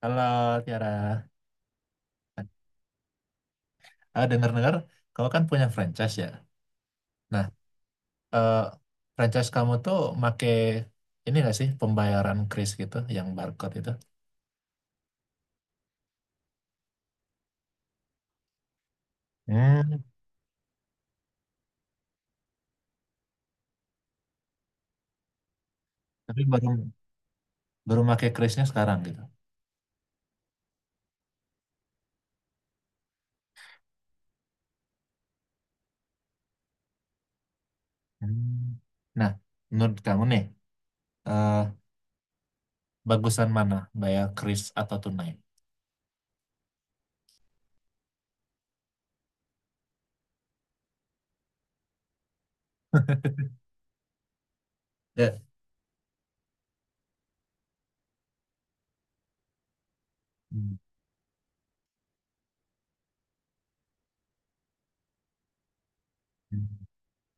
Halo Tiara, dengar-dengar kamu kan punya franchise ya. Nah, eh, franchise kamu tuh make ini gak sih pembayaran kris gitu, yang barcode itu? Hmm. Tapi baru baru make krisnya sekarang gitu. Hmm. Nah, menurut kamu nih, eh, bagusan mana, bayar kris atau tunai? Ya. Hmm.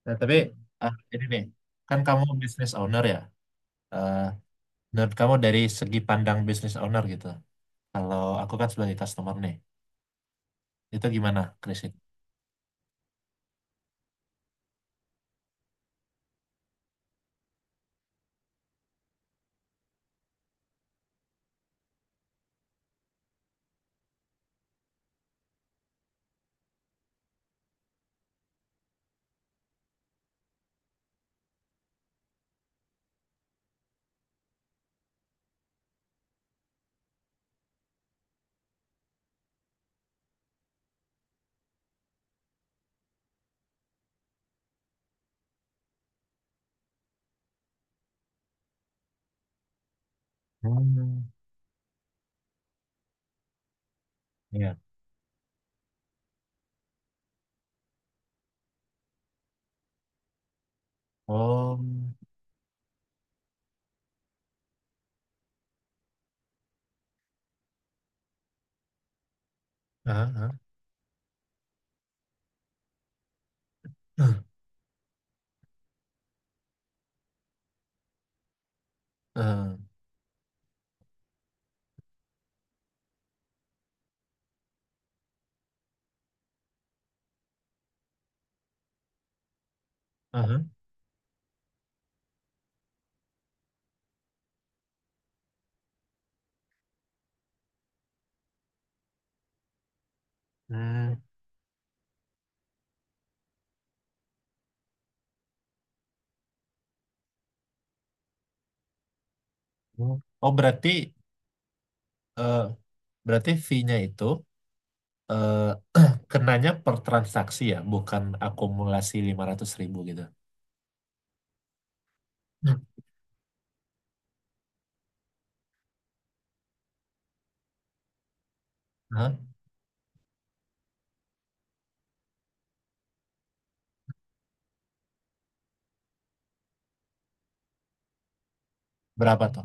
Nah, tapi ini nih, kan kamu business owner ya. Eh, Menurut kamu dari segi pandang business owner gitu. Kalau aku kan sebagai customer nih. Itu gimana, Krisik? Hmm, ya. Oh, ah, ah, ah, ah, hmm, hmm. Oh, berarti eh, berarti fee-nya itu eh, kenanya per transaksi ya, bukan akumulasi 500.000 gitu. Hmm. Hah? Berapa tuh?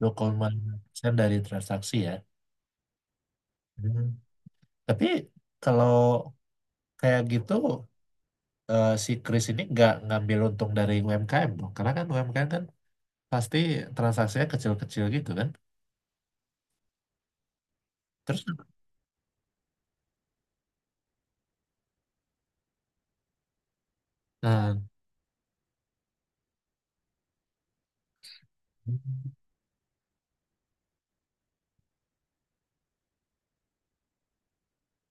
2,6% dari transaksi ya. Hmm. Tapi kalau kayak gitu si Chris ini nggak ngambil untung dari UMKM dong, karena kan UMKM kan pasti transaksinya kecil-kecil gitu kan. Terus, nah,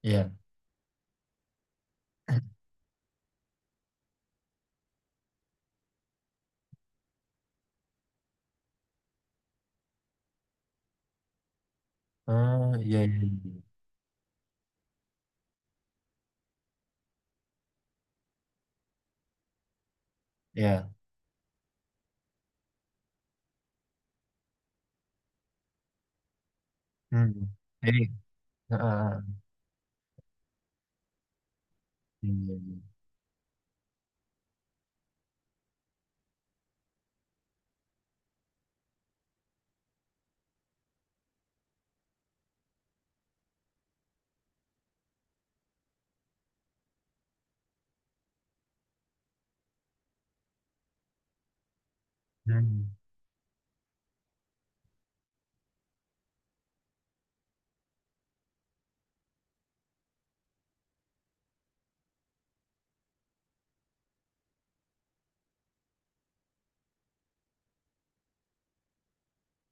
ya, oh, iya, iya, iya, iya. Hmm, jadi, ah, ah,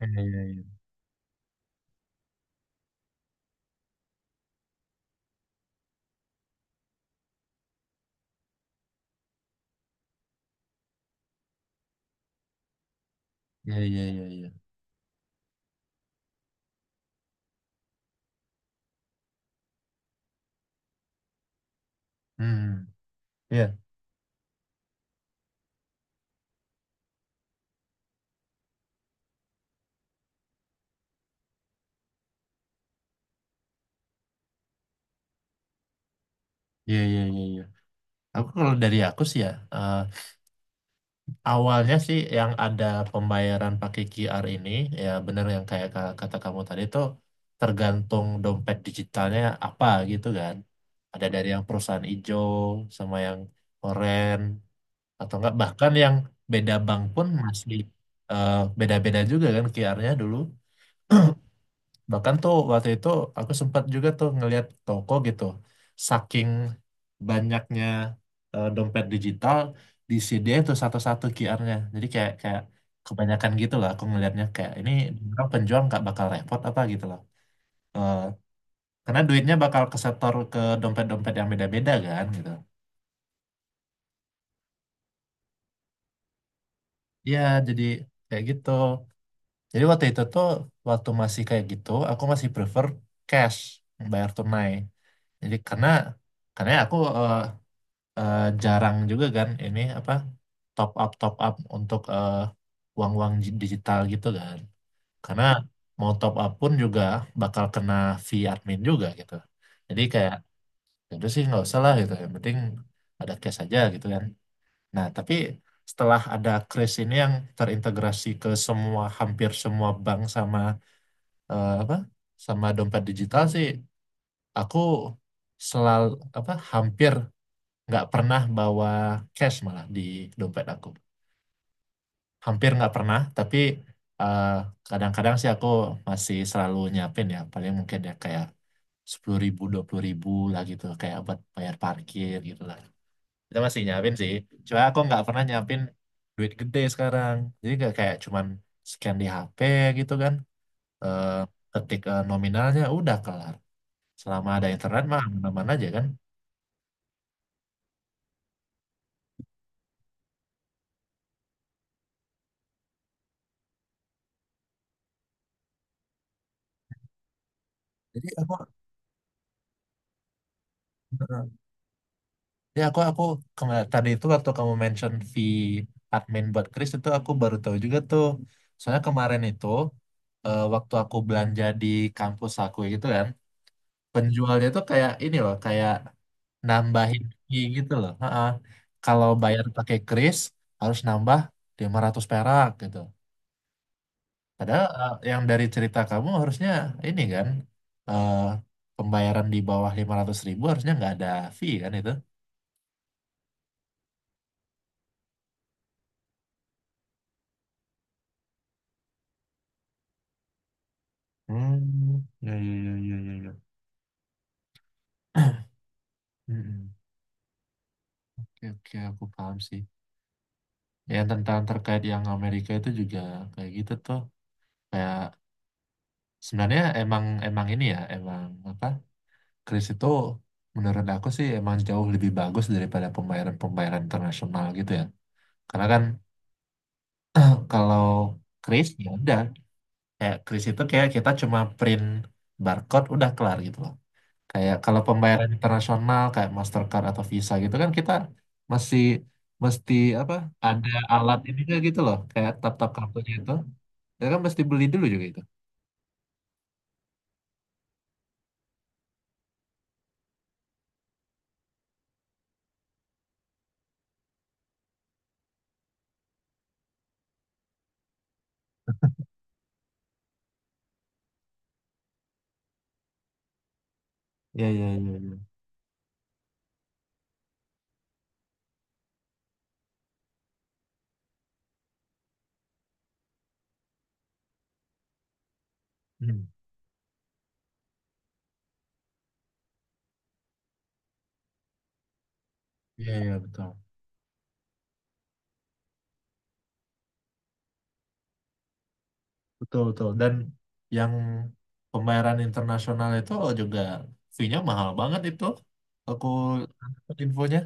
ah. Iya, iya, iya, hmm, iya, iya, iya, iya, iya, iya, iya. Hmm, iya, iya, iya, iya, iya. Aku kalau dari aku sih ya, eh, awalnya sih yang ada pembayaran pakai QR ini, ya bener yang kayak kata kamu tadi tuh, tergantung dompet digitalnya apa gitu kan. Ada dari yang perusahaan hijau sama yang oren, atau enggak bahkan yang beda bank pun masih eh, beda-beda juga kan QR-nya dulu. Bahkan tuh waktu itu aku sempat juga tuh ngelihat toko gitu, saking banyaknya dompet digital di CD itu satu-satu QR-nya, jadi kayak kayak kebanyakan gitu lah aku ngelihatnya, kayak ini orang penjual nggak bakal repot apa gitu loh. Eh, karena duitnya bakal kesetor ke dompet-dompet yang beda-beda kan gitu, ya jadi kayak gitu. Jadi waktu itu tuh waktu masih kayak gitu aku masih prefer cash, bayar tunai. Jadi karena aku jarang juga kan ini apa top up untuk uang-uang digital gitu kan. Karena mau top up pun juga bakal kena fee admin juga gitu. Jadi kayak itu sih nggak usah lah gitu. Yang penting ada cash aja gitu kan. Nah tapi setelah ada Kris ini yang terintegrasi ke semua, hampir semua bank sama apa, sama dompet digital sih, aku selalu apa hampir nggak pernah bawa cash, malah di dompet aku hampir nggak pernah. Tapi eh, kadang-kadang sih aku masih selalu nyiapin ya, paling mungkin ya kayak 10.000 20.000 lah gitu kayak buat bayar parkir gitu lah. Kita masih nyiapin sih, cuma aku nggak pernah nyiapin duit gede sekarang, jadi nggak kayak, cuman scan di HP gitu kan, eh ketik nominalnya udah kelar, selama ada internet mah aman-aman aja kan. Jadi aku, ya aku tadi itu waktu kamu mention fee admin buat Chris itu aku baru tahu juga tuh, soalnya kemarin itu waktu aku belanja di kampus aku gitu kan, penjualnya tuh kayak ini loh kayak nambahin fee gitu loh. Ha-ha. Kalau bayar pakai Kris harus nambah 500 perak gitu. Padahal yang dari cerita kamu harusnya ini kan eh, pembayaran di bawah 500.000 harusnya nggak ada fee kan itu? Hmm, ya, ya, ya, ya, ya. Ya. Mm-mm. Oke, oke, aku paham sih. Yang tentang terkait yang Amerika itu juga kayak gitu tuh. Kayak sebenarnya emang emang ini ya, emang apa? Kris itu menurut aku sih emang jauh lebih bagus daripada pembayaran-pembayaran internasional gitu ya. Karena kan kalau kris ya udah. Kayak kris itu kayak kita cuma print barcode udah kelar gitu loh. Kayak kalau pembayaran internasional kayak Mastercard atau Visa gitu kan kita masih mesti apa ada alat ini juga gitu loh, kayak tap-tap kartunya itu. Kita kan mesti beli dulu juga itu. Iya, iya, ya, ya. Hmm. Iya, iya, betul. Betul, betul. Dan yang pembayaran internasional itu juga fee-nya mahal banget itu. Aku dapat infonya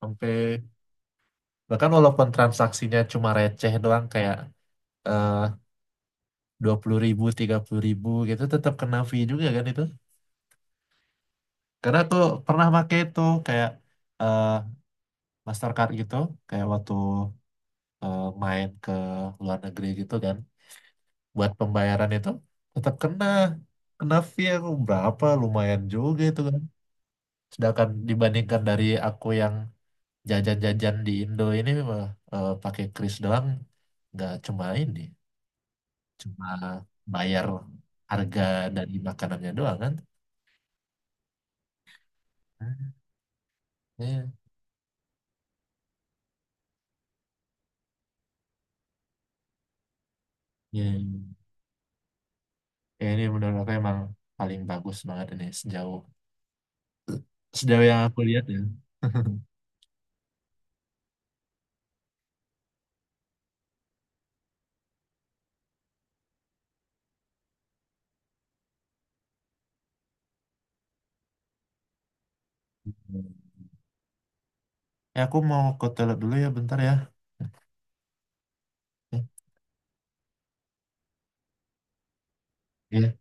sampai bahkan walaupun transaksinya cuma receh doang, kayak eh, 20.000 30.000 gitu tetap kena fee juga kan itu, karena aku pernah pakai itu kayak eh, Mastercard gitu, kayak waktu main ke luar negeri gitu kan buat pembayaran itu tetap kena, kena fee aku berapa lumayan juga itu kan. Sedangkan dibandingkan dari aku yang jajan-jajan di Indo ini mah, pakai kris doang, nggak cuma ini cuma bayar harga dari makanannya doang kan. Ya, ya, ya. Ya, ini menurut aku emang paling bagus banget ini sejauh sejauh yang aku lihat ya. Ya, aku mau ke toilet dulu ya, bentar ya. Ya,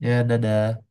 ya, dadah.